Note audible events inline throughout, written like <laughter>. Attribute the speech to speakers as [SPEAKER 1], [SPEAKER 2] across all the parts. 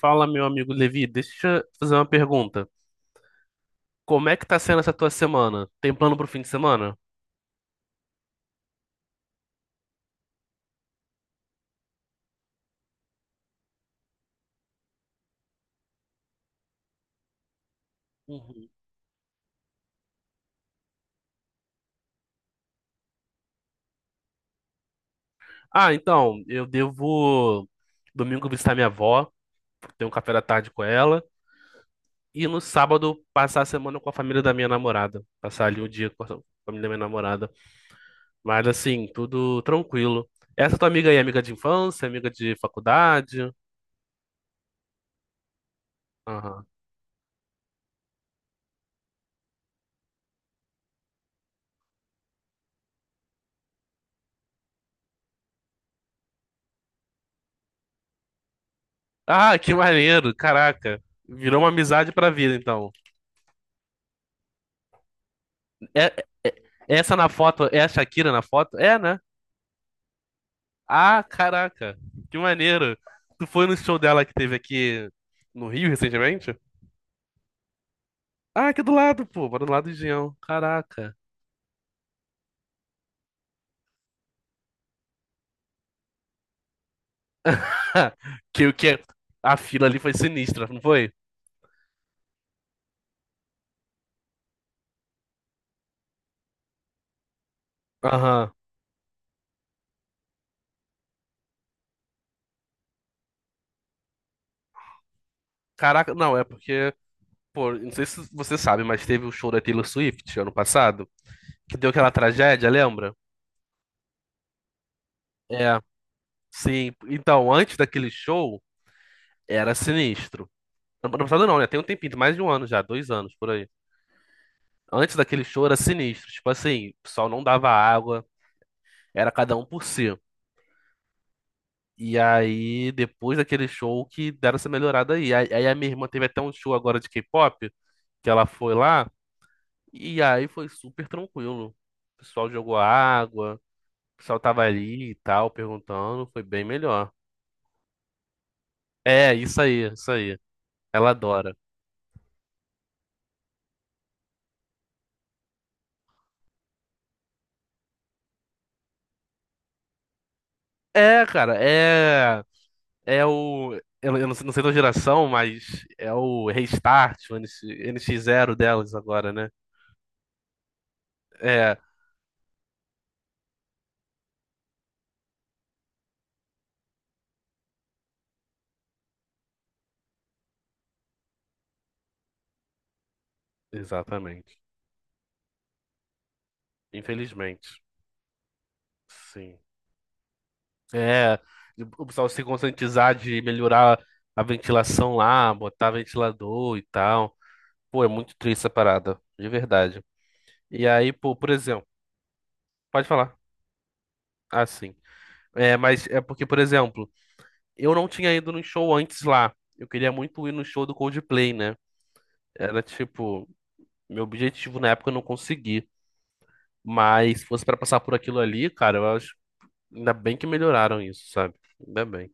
[SPEAKER 1] Fala, meu amigo Levi, deixa eu fazer uma pergunta. Como é que tá sendo essa tua semana? Tem plano pro fim de semana? Uhum. Então, eu devo domingo visitar minha avó, ter um café da tarde com ela, e no sábado passar a semana com a família da minha namorada, passar ali o dia com a família da minha namorada. Mas assim, tudo tranquilo. Essa tua amiga aí, é amiga de infância, amiga de faculdade? Aham. Ah, que maneiro, caraca. Virou uma amizade pra vida, então. É, é- é essa na foto, é a Shakira na foto? É, né? Ah, caraca, que maneiro. Tu foi no show dela que teve aqui no Rio recentemente? Ah, aqui do lado, pô, mora do lado de Engenhão. Caraca. <laughs> Que o que é, a fila ali foi sinistra, não foi? Aham. Caraca, não, é porque, pô, não sei se você sabe, mas teve o show da Taylor Swift ano passado, que deu aquela tragédia, lembra? É, sim. Então, antes daquele show, era sinistro. Ano passado não, né? Tem um tempinho, mais de um ano já, dois anos por aí. Antes daquele show era sinistro. Tipo assim, o pessoal não dava água, era cada um por si. E aí, depois daquele show que deram essa melhorada aí. Aí a minha irmã teve até um show agora de K-pop, que ela foi lá, e aí foi super tranquilo. O pessoal jogou água, o pessoal tava ali e tal, perguntando, foi bem melhor. É, isso aí, isso aí. Ela adora. É, cara, é. É o. Eu não sei, não sei da geração, mas é o Restart, o NX, NX Zero delas agora, né? É, exatamente. Infelizmente, sim. É, o pessoal se conscientizar de melhorar a ventilação lá, botar ventilador e tal. Pô, é muito triste essa parada, de verdade. E aí, pô, por exemplo, pode falar. Ah, sim. É, mas é porque, por exemplo, eu não tinha ido no show antes lá. Eu queria muito ir no show do Coldplay, né? Era tipo. Meu objetivo na época eu não consegui. Mas se fosse pra passar por aquilo ali, cara, eu acho. Ainda bem que melhoraram isso, sabe? Ainda bem.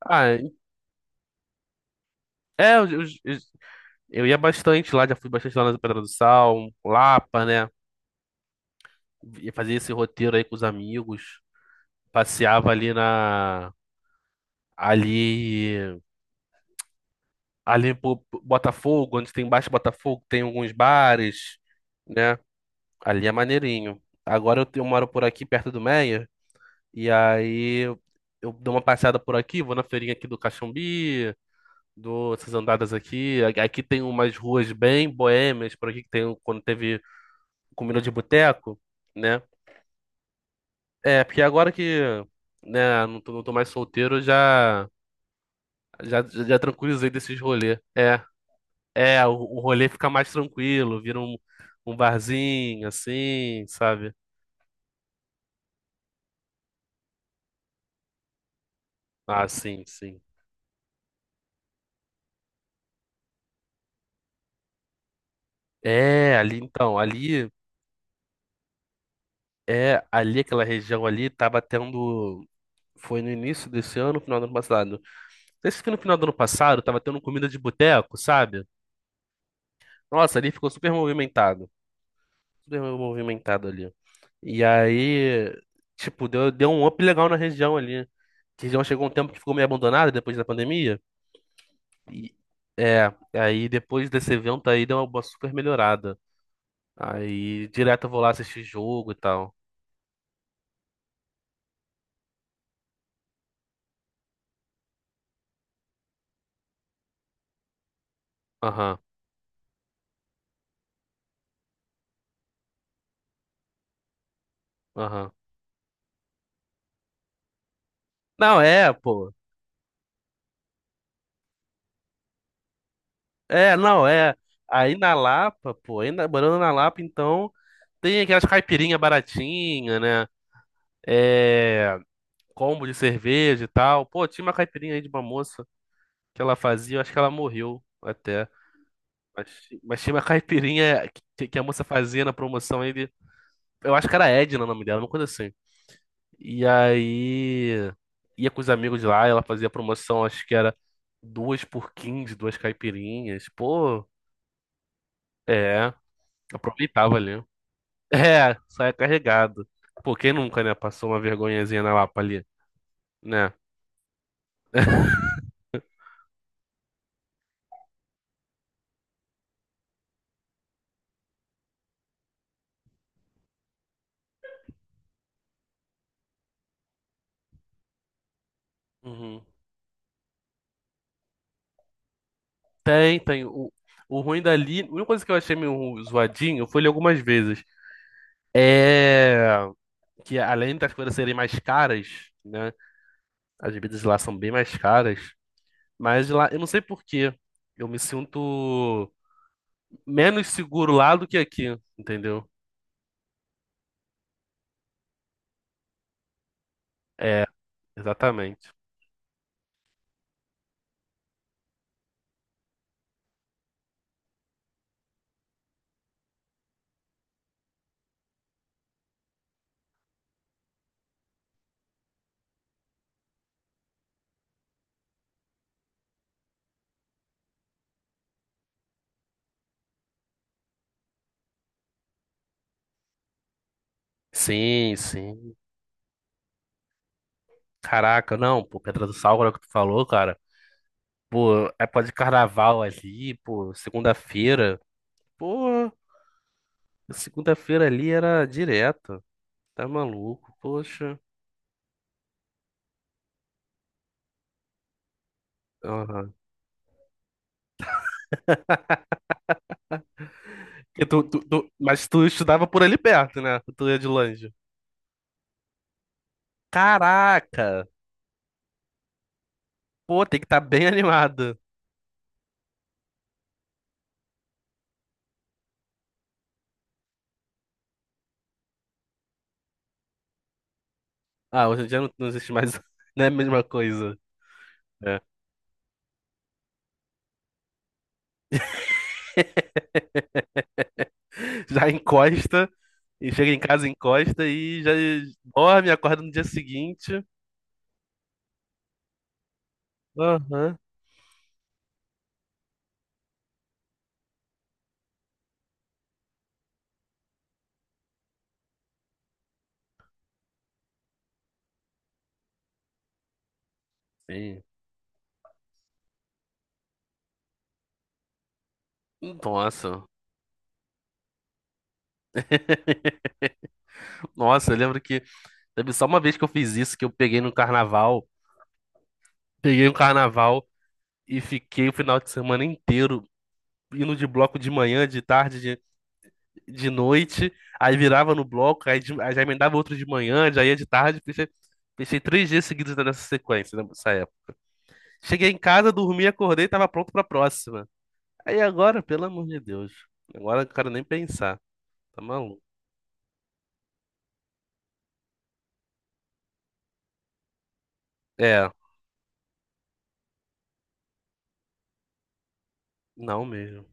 [SPEAKER 1] Ah, é, eu ia bastante lá, já fui bastante lá na Pedra do Sal, Lapa, né? Ia fazer esse roteiro aí com os amigos. Passeava ali na. Ali. Ali por Botafogo, onde tem embaixo de Botafogo, tem alguns bares, né? Ali é maneirinho. Agora eu, eu moro por aqui, perto do Meia. E aí eu dou uma passeada por aqui, vou na feirinha aqui do Caxambi, dou essas andadas aqui. Aqui tem umas ruas bem boêmias, por aqui que tem quando teve comida de boteco, né? É, porque agora que, né, não tô mais solteiro, eu já tranquilizei desses rolê. É, é, o rolê fica mais tranquilo, vira um, um barzinho, assim, sabe? Ah, sim, sim. É, ali então, ali, é, ali aquela região ali tava tendo. Foi no início desse ano, final do ano passado. Esse que no final do ano passado tava tendo comida de boteco, sabe? Nossa, ali ficou super movimentado. Super movimentado ali. E aí, tipo, deu um up legal na região ali. A região chegou um tempo que ficou meio abandonada depois da pandemia. E, é, aí depois desse evento aí deu uma super melhorada. Aí direto eu vou lá assistir jogo e tal. Aham, aham. Não, é, pô. É, não, é. Aí na Lapa, pô, ainda morando na Lapa, então tem aquelas caipirinha baratinha, né? É, combo de cerveja e tal. Pô, tinha uma caipirinha aí de uma moça que ela fazia, eu acho que ela morreu até. Mas tinha uma caipirinha que a moça fazia na promoção aí de, eu acho que era Edna o nome dela, uma coisa assim. E aí ia com os amigos lá, ela fazia promoção, acho que era 2 por 15, duas caipirinhas. Pô, é, aproveitava ali. É, saia carregado. Pô, quem nunca, né? Passou uma vergonhazinha na Lapa ali. Né? Uhum. Tem, tem. O ruim dali, a única coisa que eu achei meio zoadinho, eu fui ler algumas vezes, é que além das coisas serem mais caras, né? As bebidas lá são bem mais caras, mas lá, eu não sei por quê. Eu me sinto menos seguro lá do que aqui, entendeu? É, exatamente. Sim, sim. Caraca, não, pô, Pedra do Sal, agora que tu falou, cara. Pô, é pó de carnaval ali, pô, segunda-feira. Pô. Segunda-feira ali era direto. Tá maluco, poxa. Aham. E mas tu estudava por ali perto, né? Tu ia de longe. Caraca! Pô, tem que estar bem <laughs> animado. Ah, hoje em dia não, não existe mais. <laughs> Não é a mesma coisa. É. Já encosta, e chega em casa, encosta e já dorme, acorda no dia seguinte. Aham. Sim. Nossa. <laughs> Nossa, eu lembro que teve só uma vez que eu fiz isso, que eu peguei no carnaval. Peguei um carnaval. E fiquei o final de semana inteiro indo de bloco de manhã, de tarde, de noite, aí virava no bloco, aí, aí já emendava outro de manhã, já ia de tarde, fechei três dias seguidos nessa sequência, né, nessa época. Cheguei em casa, dormi, acordei, tava pronto pra próxima. Aí agora, pelo amor de Deus, agora eu não quero nem pensar, tá maluco? É, não mesmo.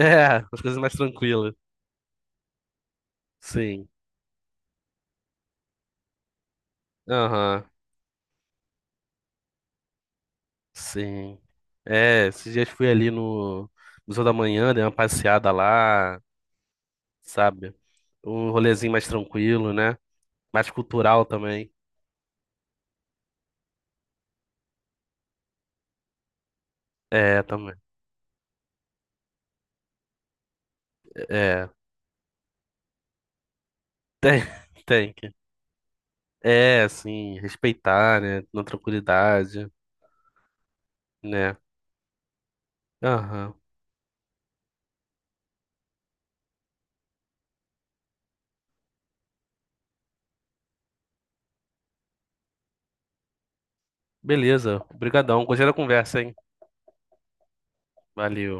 [SPEAKER 1] É, as coisas mais tranquilas, sim. Aham, sim. É, esses dias fui ali no Museu da Manhã, dei uma passeada lá. Sabe? Um rolezinho mais tranquilo, né? Mais cultural também. É, também. É, tem, <laughs> tem que. É, assim, respeitar, né? Na tranquilidade, né? Aham. Beleza. Obrigadão. Gostei da conversa, hein? Valeu.